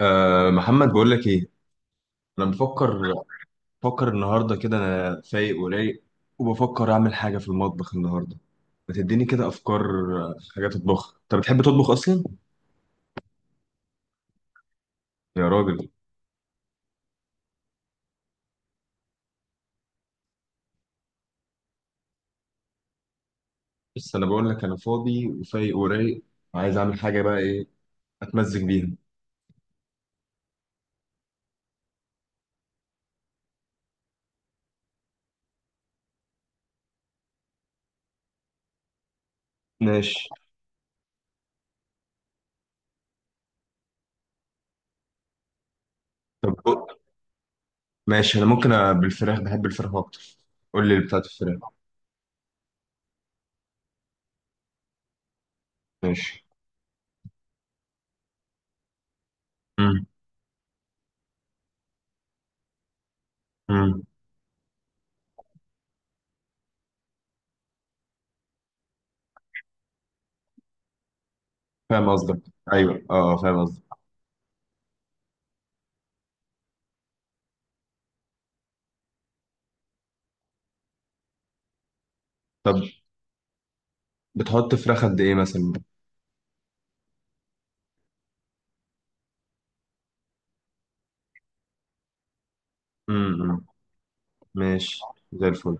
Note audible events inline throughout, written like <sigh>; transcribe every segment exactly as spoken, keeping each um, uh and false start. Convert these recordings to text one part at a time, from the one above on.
أه، محمد، بقول لك ايه؟ انا بفكر. بفكر النهارده كده انا فايق ورايق، وبفكر اعمل حاجه في المطبخ النهارده. ما تديني كده افكار. آه، حاجات اطبخها. انت بتحب تطبخ اصلا؟ يا راجل! بس انا بقول لك انا فاضي وفايق ورايق، وعايز اعمل حاجه. بقى ايه اتمزج بيها؟ ماشي. طب بق- ماشي، انا ممكن أ- بالفراخ، بحب الفراخ اكتر. قول لي اللي بتاعت الفراخ. ماشي. امم. امم. فاهم قصدك. ايوه، اه، آه، فاهم قصدك. طب، بتحط فراخ قد ايه مثلا؟ امم. ماشي. زي الفل.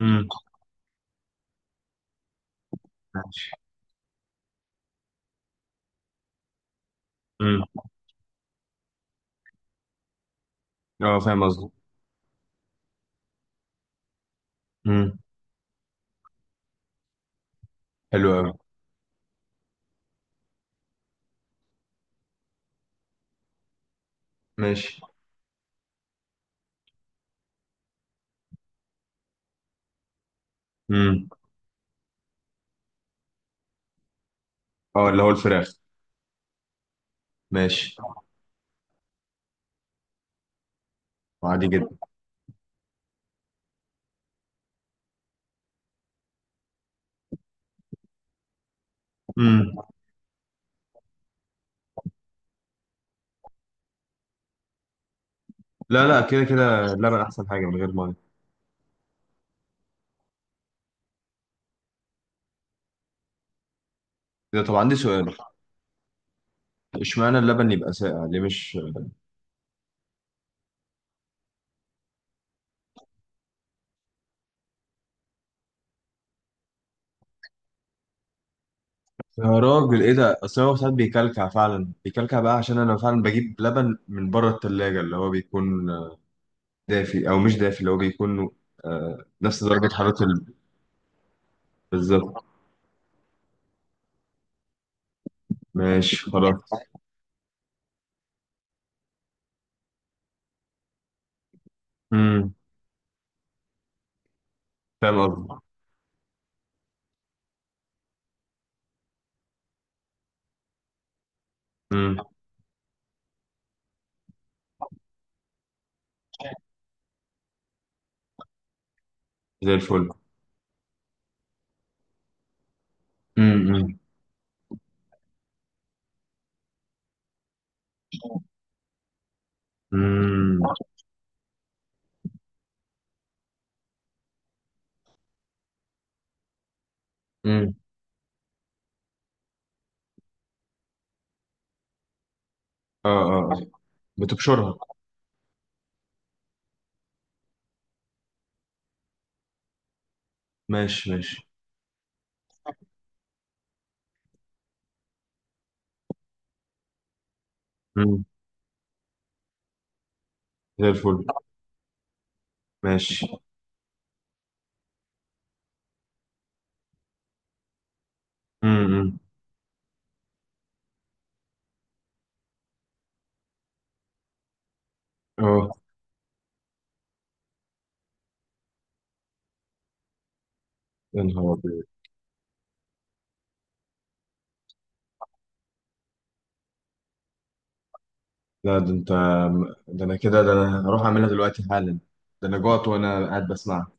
امم. ماشي. امم. اه، فاهم قصدي. امم. حلو قوي. ماشي. امم. اه، اللي هو الفراخ. ماشي. عادي جدا. امم. لا لا، كده كده اللبن احسن حاجه من غير ميه. ده طب عندي سؤال. اشمعنى اللبن يبقى ساقع ليه؟ مش... يا راجل، ايه ده؟ اصل هو ساعات بيكلكع، فعلا بيكلكع بقى، عشان انا فعلا بجيب لبن من بره التلاجة اللي هو بيكون دافي او مش دافي، اللي هو بيكون آه، نفس درجه حراره ال- بالظبط. ماشي، خلاص. امم، فاهم قصدي. امم. زي الفل. امم. امم. امم. اه، اه، آه. بتبشرها. ماشي، ماشي. امم. زي الفل. ماشي. امم. اه، يا نهار ابيض! لا ده انت! ده انا كده، ده انا هروح اعملها دلوقتي حالا. ده انا جوعت وانا قاعد بسمعها.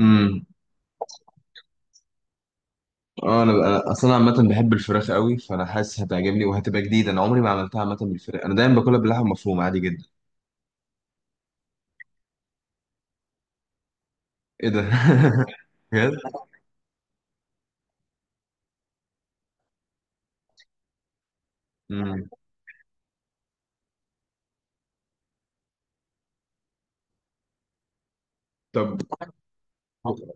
امم. اه، انا أنا اصلا عامه بحب الفراخ قوي، فانا حاسس هتعجبني وهتبقى جديده. انا عمري ما عملتها عامه بالفراخ، انا دايما باكلها باللحمه مفرومه عادي جدا. ايه ده؟ <laughs> بجد؟ امم. طب،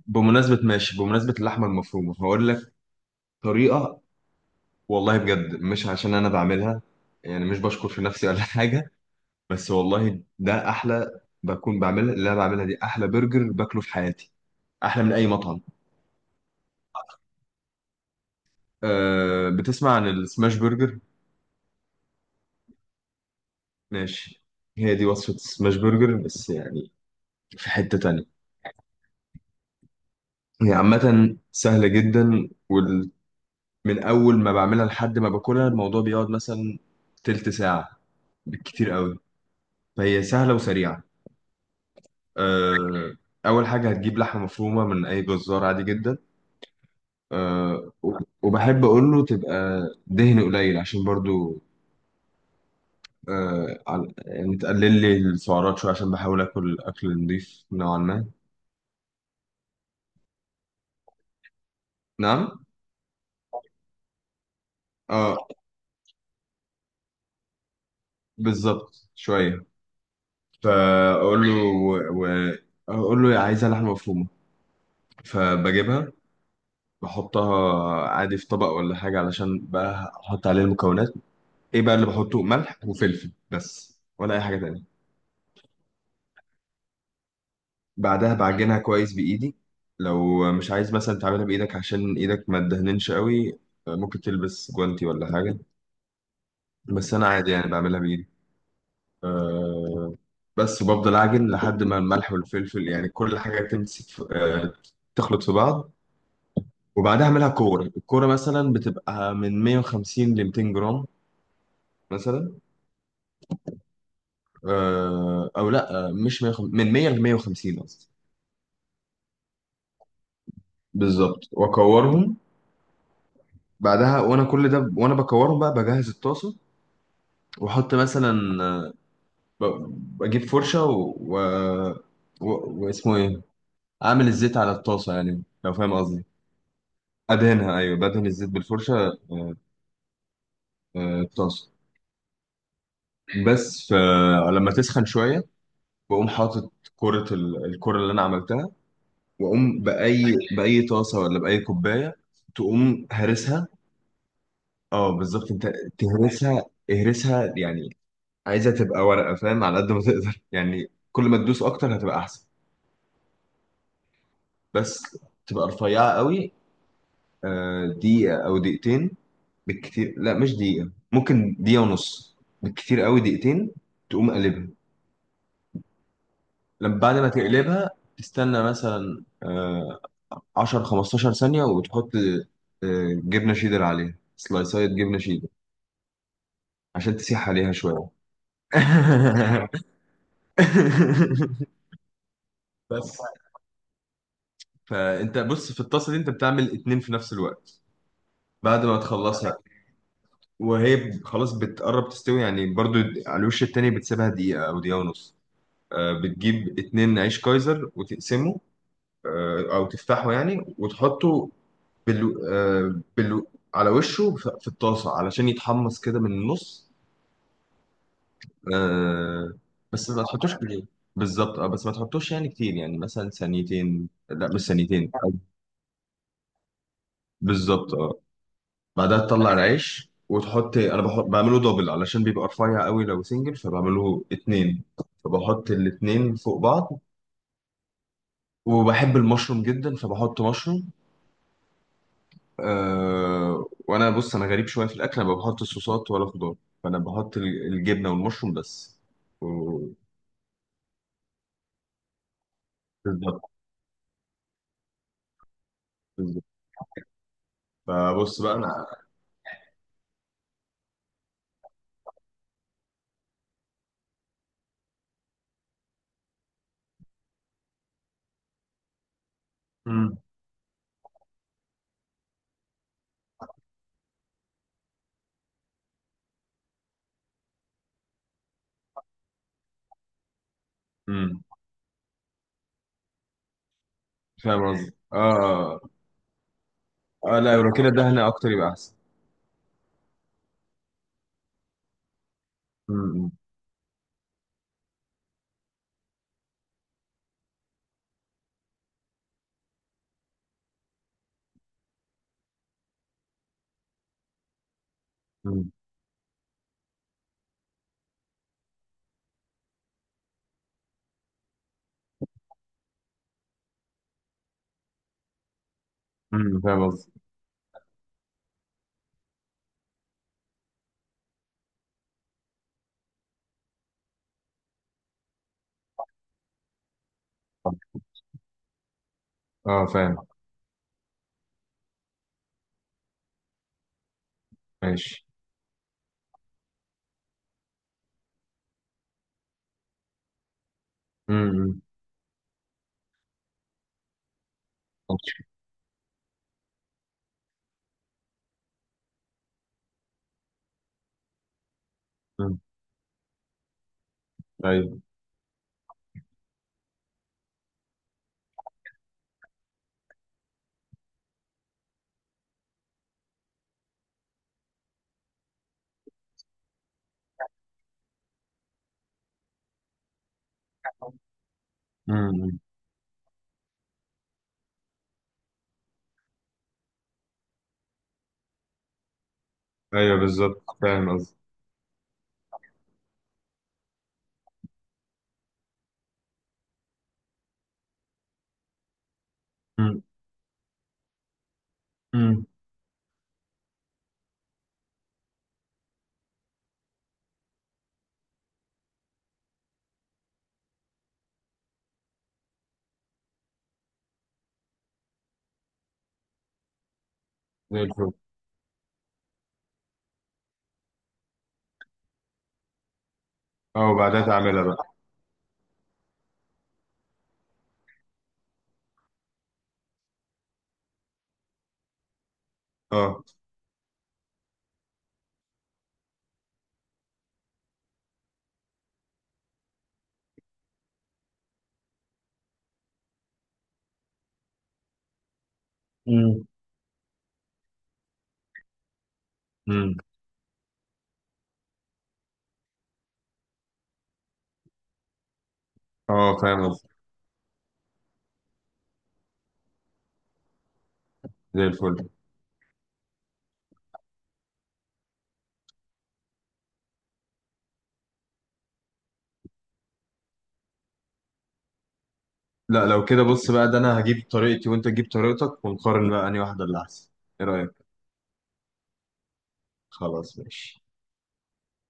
بمناسبة ماشي بمناسبة اللحمة المفرومة هقول لك طريقة. والله بجد مش عشان أنا بعملها، يعني مش بشكر في نفسي ولا <laughs> حاجة، بس والله ده أحلى. بكون بعملها، اللي أنا بعملها دي أحلى برجر باكله في حياتي. أحلى من أي مطعم. أه، بتسمع عن السماش برجر؟ ماشي. هي دي وصفة السماش برجر، بس يعني في حتة تانية. هي عامة سهلة جدا، ومن أول ما بعملها لحد ما باكلها الموضوع بيقعد مثلا تلت ساعة بالكتير قوي، فهي سهلة وسريعة. آه، أول حاجة، هتجيب لحمة مفرومة من أي جزار عادي جدا. آه، وب- وبحب أقول له تبقى دهن قليل، عشان برضو آه، عل- يعني تقلل لي السعرات شوية، عشان بحاول آكل أكل نضيف نوعا ما. نعم. اه، بالظبط، شوية. فأقول له و... و... أقول له عايزة لحمة مفرومة، فبجيبها، بحطها عادي في طبق ولا حاجة علشان بقى أحط عليه المكونات. ايه بقى اللي بحطه؟ ملح وفلفل بس، ولا اي حاجه تانية؟ بعدها بعجنها كويس بايدي. لو مش عايز مثلا تعملها بايدك عشان ايدك ما تدهننش قوي، آه، ممكن تلبس جوانتي ولا حاجه، بس انا عادي يعني بعملها بايدي. أه، بس وبفضل اعجن لحد ما الملح والفلفل يعني كل حاجه تمسك في أه تخلط في بعض. وبعدها اعملها كوره. الكوره مثلا بتبقى من مية وخمسين ل ميتين جرام مثلا. أه، او لا، آه، مش مية وخمسين، من مية ل مية وخمسين قصدي. بالظبط. واكورهم. بعدها، وانا كل ده وانا بكورهم، بقى بجهز الطاسه. واحط مثلا آه، ب- بجيب فرشه و... و... و... واسمه ايه، اعمل الزيت على الطاسه، يعني لو فاهم قصدي، ادهنها. ايوه، بدهن الزيت بالفرشه آه، الطاسه. بس فلما تسخن شويه، بقوم حاطط كره ال... الكره اللي انا عملتها، واقوم باي باي طاسه ولا باي كوبايه، تقوم هرسها. اه، بالظبط، انت تهرسها. اهرسها يعني عايزة تبقى ورقة، فاهم، على قد ما تقدر، يعني كل ما تدوس أكتر هتبقى أحسن. بس تبقى رفيعة قوي. آه، دقيقة أو دقيقتين بالكتير. لا، مش دقيقة، ممكن دقيقة ونص بالكتير قوي، دقيقتين. تقوم قلبها. لما بعد ما تقلبها، تستنى مثلا آه، عشر خمستاشر ثانية، وتحط آه، جبنة شيدر عليها، سلايسات جبنة شيدر عشان تسيح عليها شوية. <laughs> بس. فانت بص، في الطاسه دي انت بتعمل اتنين في نفس الوقت. بعد ما تخلصها، وهي خلاص بتقرب تستوي يعني، برضو على الوش التاني بتسيبها دقيقة أو دقيقة ونص. آه، بتجيب اتنين عيش كايزر وتقسمه، آه، أو تفتحه يعني، وتحطه بالو... آه، بالو... على وشه ف- في الطاسة علشان يتحمص كده من النص. آه، بس ما تحطوش كتير. بالظبط، اه، بس ما تحطوش يعني كتير، يعني مثلا ثانيتين، لا مش ثانيتين. بالظبط، اه. بعدها تطلع العيش وتحط، انا بحط، بعمله دبل علشان بيبقى رفيع قوي لو سنجل، فبعمله اتنين. فبحط الاتنين فوق بعض. وبحب المشروم جدا، فبحط مشروم. أه... وانا بص، انا غريب شويه في الاكل، انا ما بحط صوصات ولا خضار، فانا بحط ال- الجبنه والمشروم بس. و... بالظبط. بالظبط. فبص بقى انا... مم. مم. فاهم قصدي، اه، اه. لا، لو كده دهنه اكتر يبقى احسن. مم. مم. مم. فاهم قصدي، اه، فاهم. ماشي. مم. مم. ايوه. مم. ايوه، بالظبط، فاهم قصدي. مم. مم. زي الفل. اه، وبعدها تعملها بقى. اه. مم. مم. اه، فاهم قصدي. زي الفل. لا، لو كده بص بقى، ده انا هجيب طريقتي وانت تجيب طريقتك ونقارن بقى انهي واحده اللي احسن. ايه رايك؟ خلاص، ماشي.